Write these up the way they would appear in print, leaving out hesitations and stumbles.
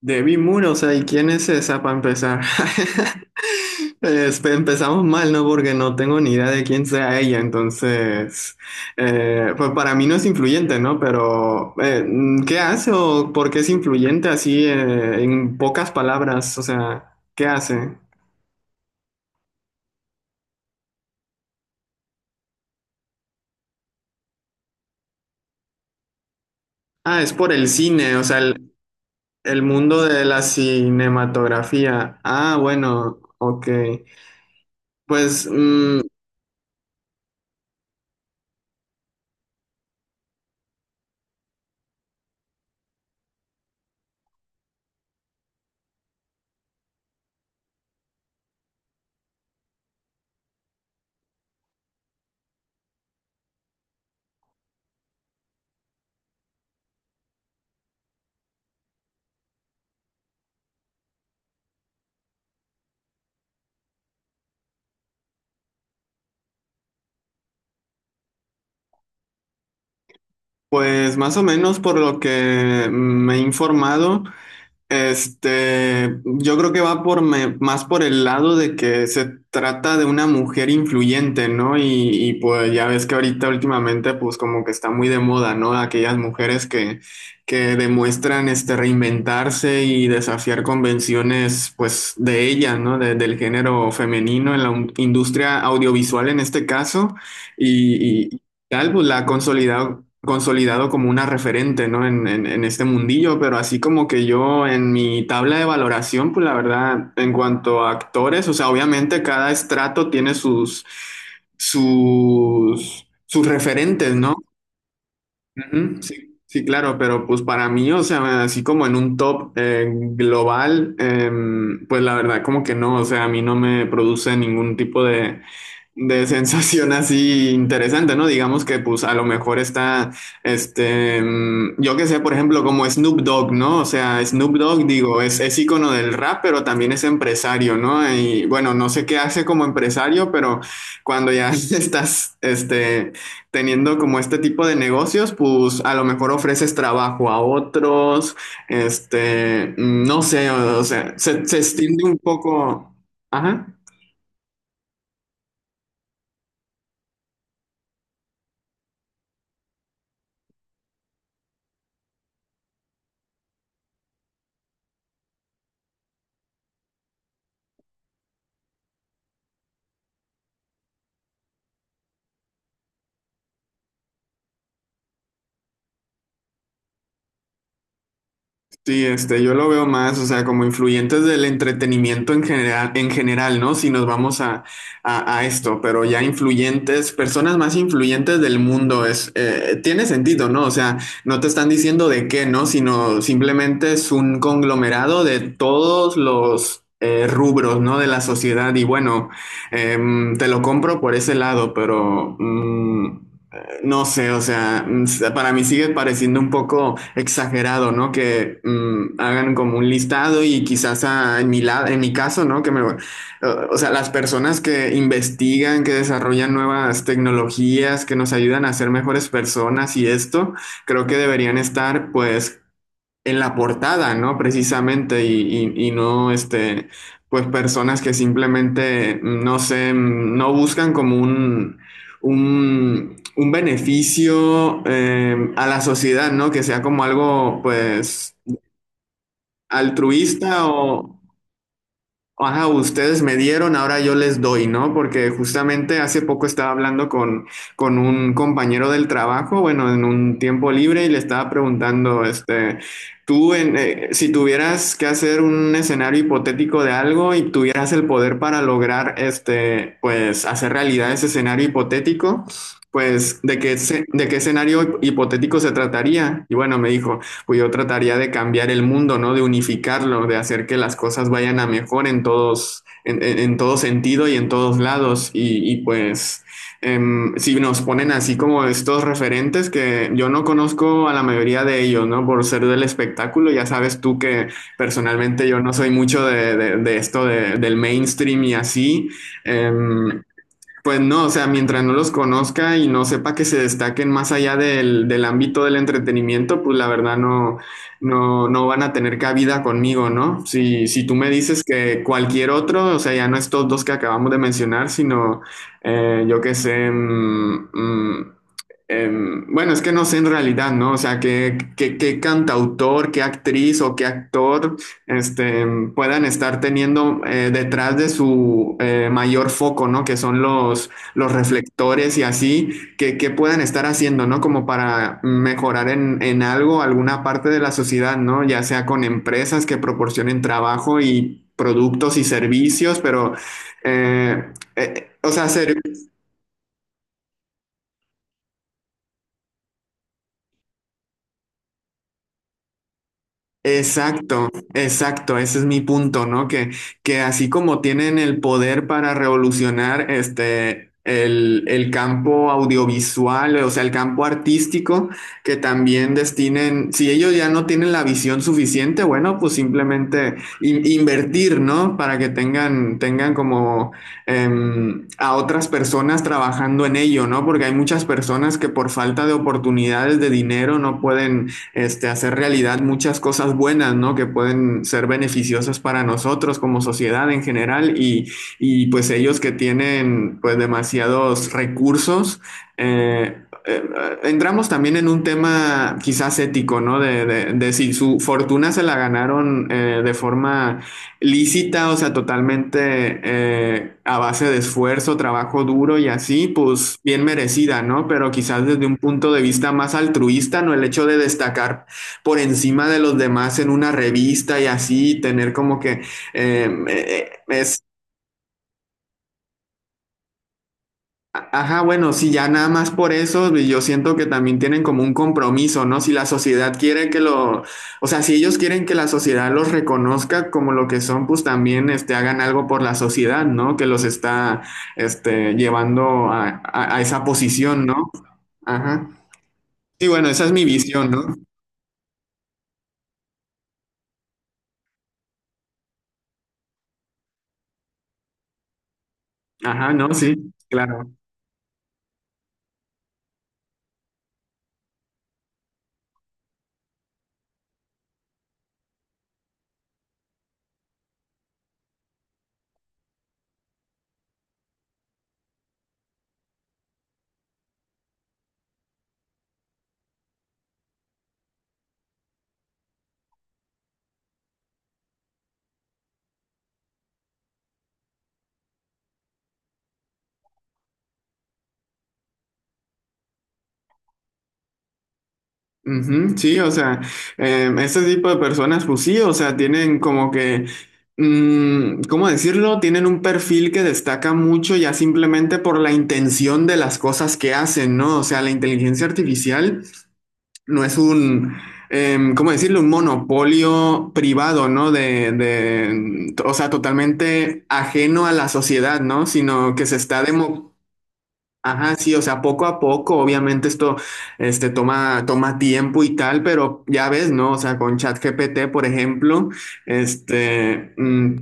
De Moon, o sea, ¿y quién es esa para empezar? Empezamos mal, ¿no? Porque no tengo ni idea de quién sea ella, entonces, pues para mí no es influyente, ¿no? Pero, ¿qué hace o por qué es influyente así, en pocas palabras? O sea, ¿qué hace? Ah, es por el cine, o sea, el mundo de la cinematografía. Ah, bueno, ok. Pues, mm, pues más o menos por lo que me he informado. Yo creo que va por más por el lado de que se trata de una mujer influyente, ¿no? Y, pues ya ves que ahorita últimamente pues como que está muy de moda, ¿no? Aquellas mujeres que, que demuestran reinventarse y desafiar convenciones pues de ellas, ¿no? Del género femenino en la industria audiovisual en este caso. Y tal, pues la ha consolidado como una referente, ¿no? En este mundillo, pero así como que yo en mi tabla de valoración, pues la verdad, en cuanto a actores, o sea, obviamente cada estrato tiene sus referentes, ¿no? Ujú, sí, sí, claro, pero pues para mí, o sea, así como en un top global, pues la verdad como que no, o sea, a mí no me produce ningún tipo de sensación así interesante, ¿no? Digamos que pues a lo mejor está, yo que sé, por ejemplo, como Snoop Dogg, ¿no? O sea, Snoop Dogg, digo, es ícono del rap, pero también es empresario, ¿no? Y bueno, no sé qué hace como empresario, pero cuando ya estás, teniendo como este tipo de negocios, pues a lo mejor ofreces trabajo a otros, no sé, o sea, se extiende un poco. Ajá. Sí, yo lo veo más, o sea, como influyentes del entretenimiento en general, ¿no? Si nos vamos a esto, pero ya influyentes, personas más influyentes del mundo, tiene sentido, ¿no? O sea, no te están diciendo de qué, ¿no? Sino simplemente es un conglomerado de todos los rubros, ¿no? De la sociedad y bueno, te lo compro por ese lado, pero... no sé, o sea, para mí sigue pareciendo un poco exagerado, ¿no? Que hagan como un listado y quizás en mi caso, ¿no? Que me, o sea, las personas que investigan, que desarrollan nuevas tecnologías, que nos ayudan a ser mejores personas y esto, creo que deberían estar, pues, en la portada, ¿no? Precisamente, y no, pues personas que simplemente, no sé, no buscan como un beneficio a la sociedad, ¿no? Que sea como algo, pues, altruista o... Ajá, ustedes me dieron, ahora yo les doy, ¿no? Porque justamente hace poco estaba hablando con un compañero del trabajo, bueno, en un tiempo libre y le estaba preguntando, tú, si tuvieras que hacer un escenario hipotético de algo y tuvieras el poder para lograr, pues, hacer realidad ese escenario hipotético, pues, de qué escenario hipotético se trataría? Y bueno, me dijo pues yo trataría de cambiar el mundo, ¿no? De unificarlo, de hacer que las cosas vayan a mejor en todos, en todo sentido y en todos lados. Y, pues si nos ponen así como estos referentes que yo no conozco a la mayoría de ellos, ¿no? Por ser del espectáculo, ya sabes tú que personalmente yo no soy mucho de esto del mainstream y así. Em, pues no, o sea, mientras no los conozca y no sepa que se destaquen más allá del ámbito del entretenimiento, pues la verdad no, no, no van a tener cabida conmigo, ¿no? Si, si tú me dices que cualquier otro, o sea, ya no estos dos que acabamos de mencionar, sino yo qué sé, bueno, es que no sé en realidad, ¿no? O sea, qué cantautor, qué actriz o qué actor este, puedan estar teniendo detrás de su mayor foco, ¿no? Que son los reflectores y así, que puedan estar haciendo, ¿no? Como para mejorar en algo, alguna parte de la sociedad, ¿no? Ya sea con empresas que proporcionen trabajo y productos y servicios, pero, eh, o sea, ser, Exacto, exacto, ese es mi punto, ¿no? Que así como tienen el poder para revolucionar el campo audiovisual, o sea, el campo artístico, que también destinen, si ellos ya no tienen la visión suficiente, bueno, pues simplemente invertir, ¿no? Para que tengan como a otras personas trabajando en ello, ¿no? Porque hay muchas personas que por falta de oportunidades de dinero no pueden hacer realidad muchas cosas buenas, ¿no? Que pueden ser beneficiosas para nosotros como sociedad en general y pues ellos que tienen pues demasiados recursos. Eh, eh, entramos también en un tema quizás ético, ¿no? De si su fortuna se la ganaron de forma lícita, o sea, totalmente a base de esfuerzo, trabajo duro y así, pues bien merecida, ¿no? Pero quizás desde un punto de vista más altruista, ¿no? El hecho de destacar por encima de los demás en una revista y así, tener como que eh, eh, Ajá, bueno, sí, ya nada más por eso, y yo siento que también tienen como un compromiso, ¿no? Si la sociedad quiere o sea, si ellos quieren que la sociedad los reconozca como lo que son, pues también, hagan algo por la sociedad, ¿no? Que los está, llevando a esa posición, ¿no? Ajá. Sí, bueno, esa es mi visión, ¿no? Ajá, no, sí, claro. Ujú, sí, o sea, ese tipo de personas, pues sí, o sea, tienen como que, ¿cómo decirlo? Tienen un perfil que destaca mucho ya simplemente por la intención de las cosas que hacen, ¿no? O sea, la inteligencia artificial no es ¿cómo decirlo? Un monopolio privado, ¿no? De o sea, totalmente ajeno a la sociedad, ¿no? Sino que se está demo- Ajá, sí, o sea, poco a poco, obviamente esto toma tiempo y tal, pero ya ves, ¿no? O sea, con ChatGPT, por ejemplo, este, mm,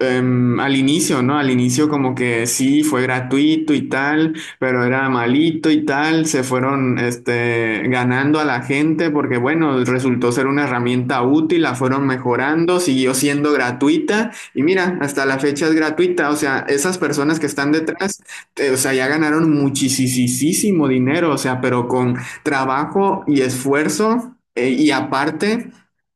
al inicio, ¿no? Al inicio como que sí, fue gratuito y tal, pero era malito y tal, se fueron, ganando a la gente porque, bueno, resultó ser una herramienta útil, la fueron mejorando, siguió siendo gratuita y mira, hasta la fecha es gratuita, o sea, esas personas que están detrás o sea, ya ganaron muchísimo dinero, o sea, pero con trabajo y esfuerzo y aparte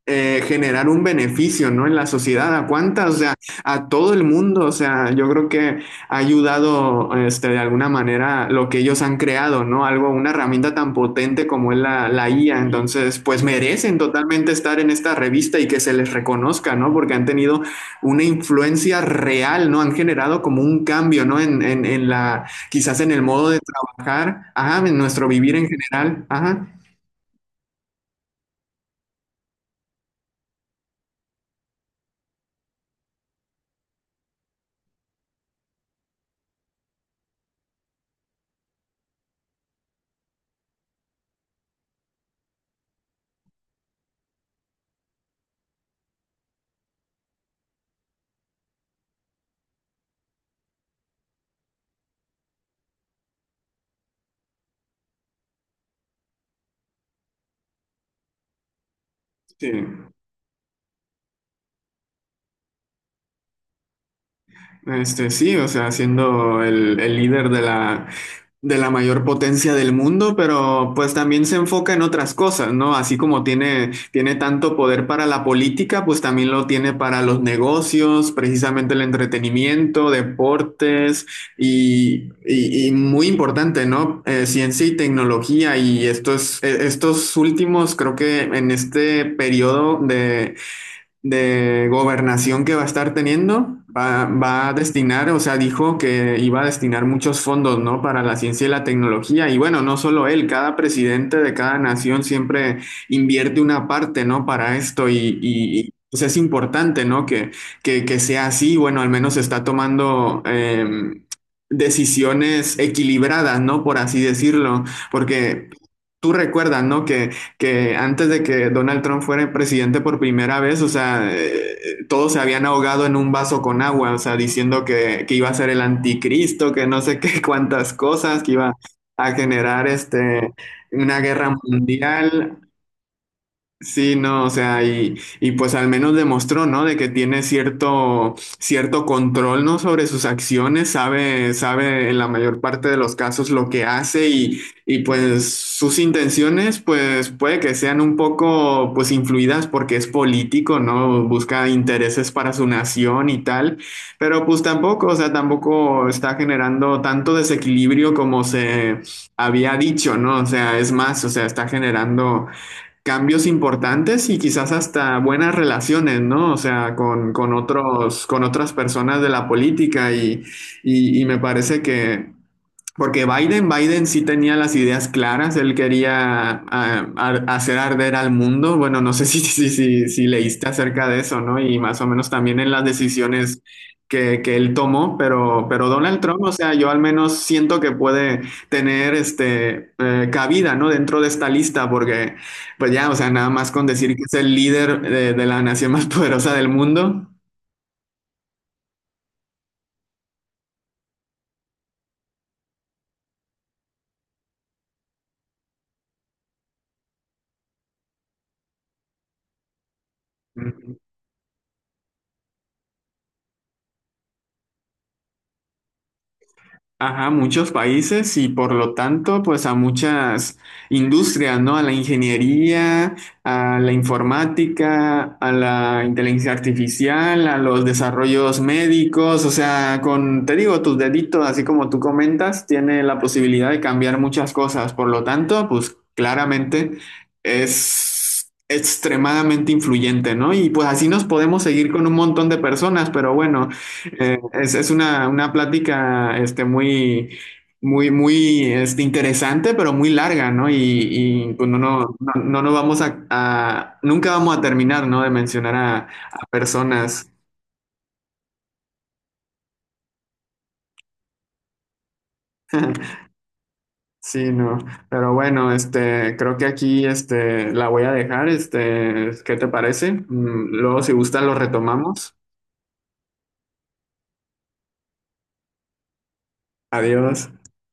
generar un beneficio, ¿no? En la sociedad, ¿a cuántas? O sea, a todo el mundo, o sea, yo creo que ha ayudado, de alguna manera lo que ellos han creado, ¿no? Algo, una herramienta tan potente como es la IA, entonces, pues merecen totalmente estar en esta revista y que se les reconozca, ¿no? Porque han tenido una influencia real, ¿no? Han generado como un cambio, ¿no? Quizás en el modo de trabajar, ajá, en nuestro vivir en general, ajá. Sí. Sí, o sea, siendo el líder de la mayor potencia del mundo, pero pues también se enfoca en otras cosas, ¿no? Así como tiene tanto poder para la política, pues también lo tiene para los negocios, precisamente el entretenimiento, deportes y muy importante, ¿no? Ciencia y tecnología y estos últimos, creo que en este periodo de gobernación que va a estar teniendo, va a destinar, o sea, dijo que iba a destinar muchos fondos, ¿no? Para la ciencia y la tecnología. Y bueno, no solo él, cada presidente de cada nación siempre invierte una parte, ¿no? Para esto y, pues es importante, ¿no? Que sea así. Bueno, al menos está tomando... decisiones equilibradas, ¿no? Por así decirlo, porque tú recuerdas, ¿no? Que antes de que Donald Trump fuera presidente por primera vez, o sea, todos se habían ahogado en un vaso con agua, o sea, diciendo que iba a ser el anticristo, que no sé qué cuántas cosas, que iba a generar una guerra mundial. Sí, no, o sea, y pues al menos demostró, ¿no? De que tiene cierto control, ¿no? Sobre sus acciones, sabe en la mayor parte de los casos lo que hace y pues sus intenciones, pues puede que sean un poco, pues influidas porque es político, ¿no? Busca intereses para su nación y tal, pero pues tampoco, o sea, tampoco está generando tanto desequilibrio como se había dicho, ¿no? O sea, es más, o sea, está generando cambios importantes y quizás hasta buenas relaciones, ¿no? O sea, con otros, con otras personas de la política y me parece que, porque Biden sí tenía las ideas claras, él quería hacer arder al mundo. Bueno, no sé si, si, si, si leíste acerca de eso, ¿no? Y más o menos también en las decisiones que él tomó, pero, Donald Trump, o sea, yo al menos siento que puede tener cabida, ¿no? Dentro de esta lista, porque pues ya, o sea, nada más con decir que es el líder de la nación más poderosa del mundo. Ajá, muchos países y por lo tanto, pues a muchas industrias, ¿no? A la ingeniería, a la informática, a la inteligencia artificial, a los desarrollos médicos, o sea, te digo, tus deditos, así como tú comentas, tiene la posibilidad de cambiar muchas cosas. Por lo tanto, pues claramente es extremadamente influyente, ¿no? Y pues así nos podemos seguir con un montón de personas, pero bueno. Es una plática muy, muy, muy interesante, pero muy larga, ¿no? Y, pues no, no, no, no nos vamos nunca vamos a terminar, ¿no? De mencionar a personas. Sí, no. Pero bueno, creo que aquí la voy a dejar. ¿Qué te parece? Luego, si gustan, lo retomamos. Adiós.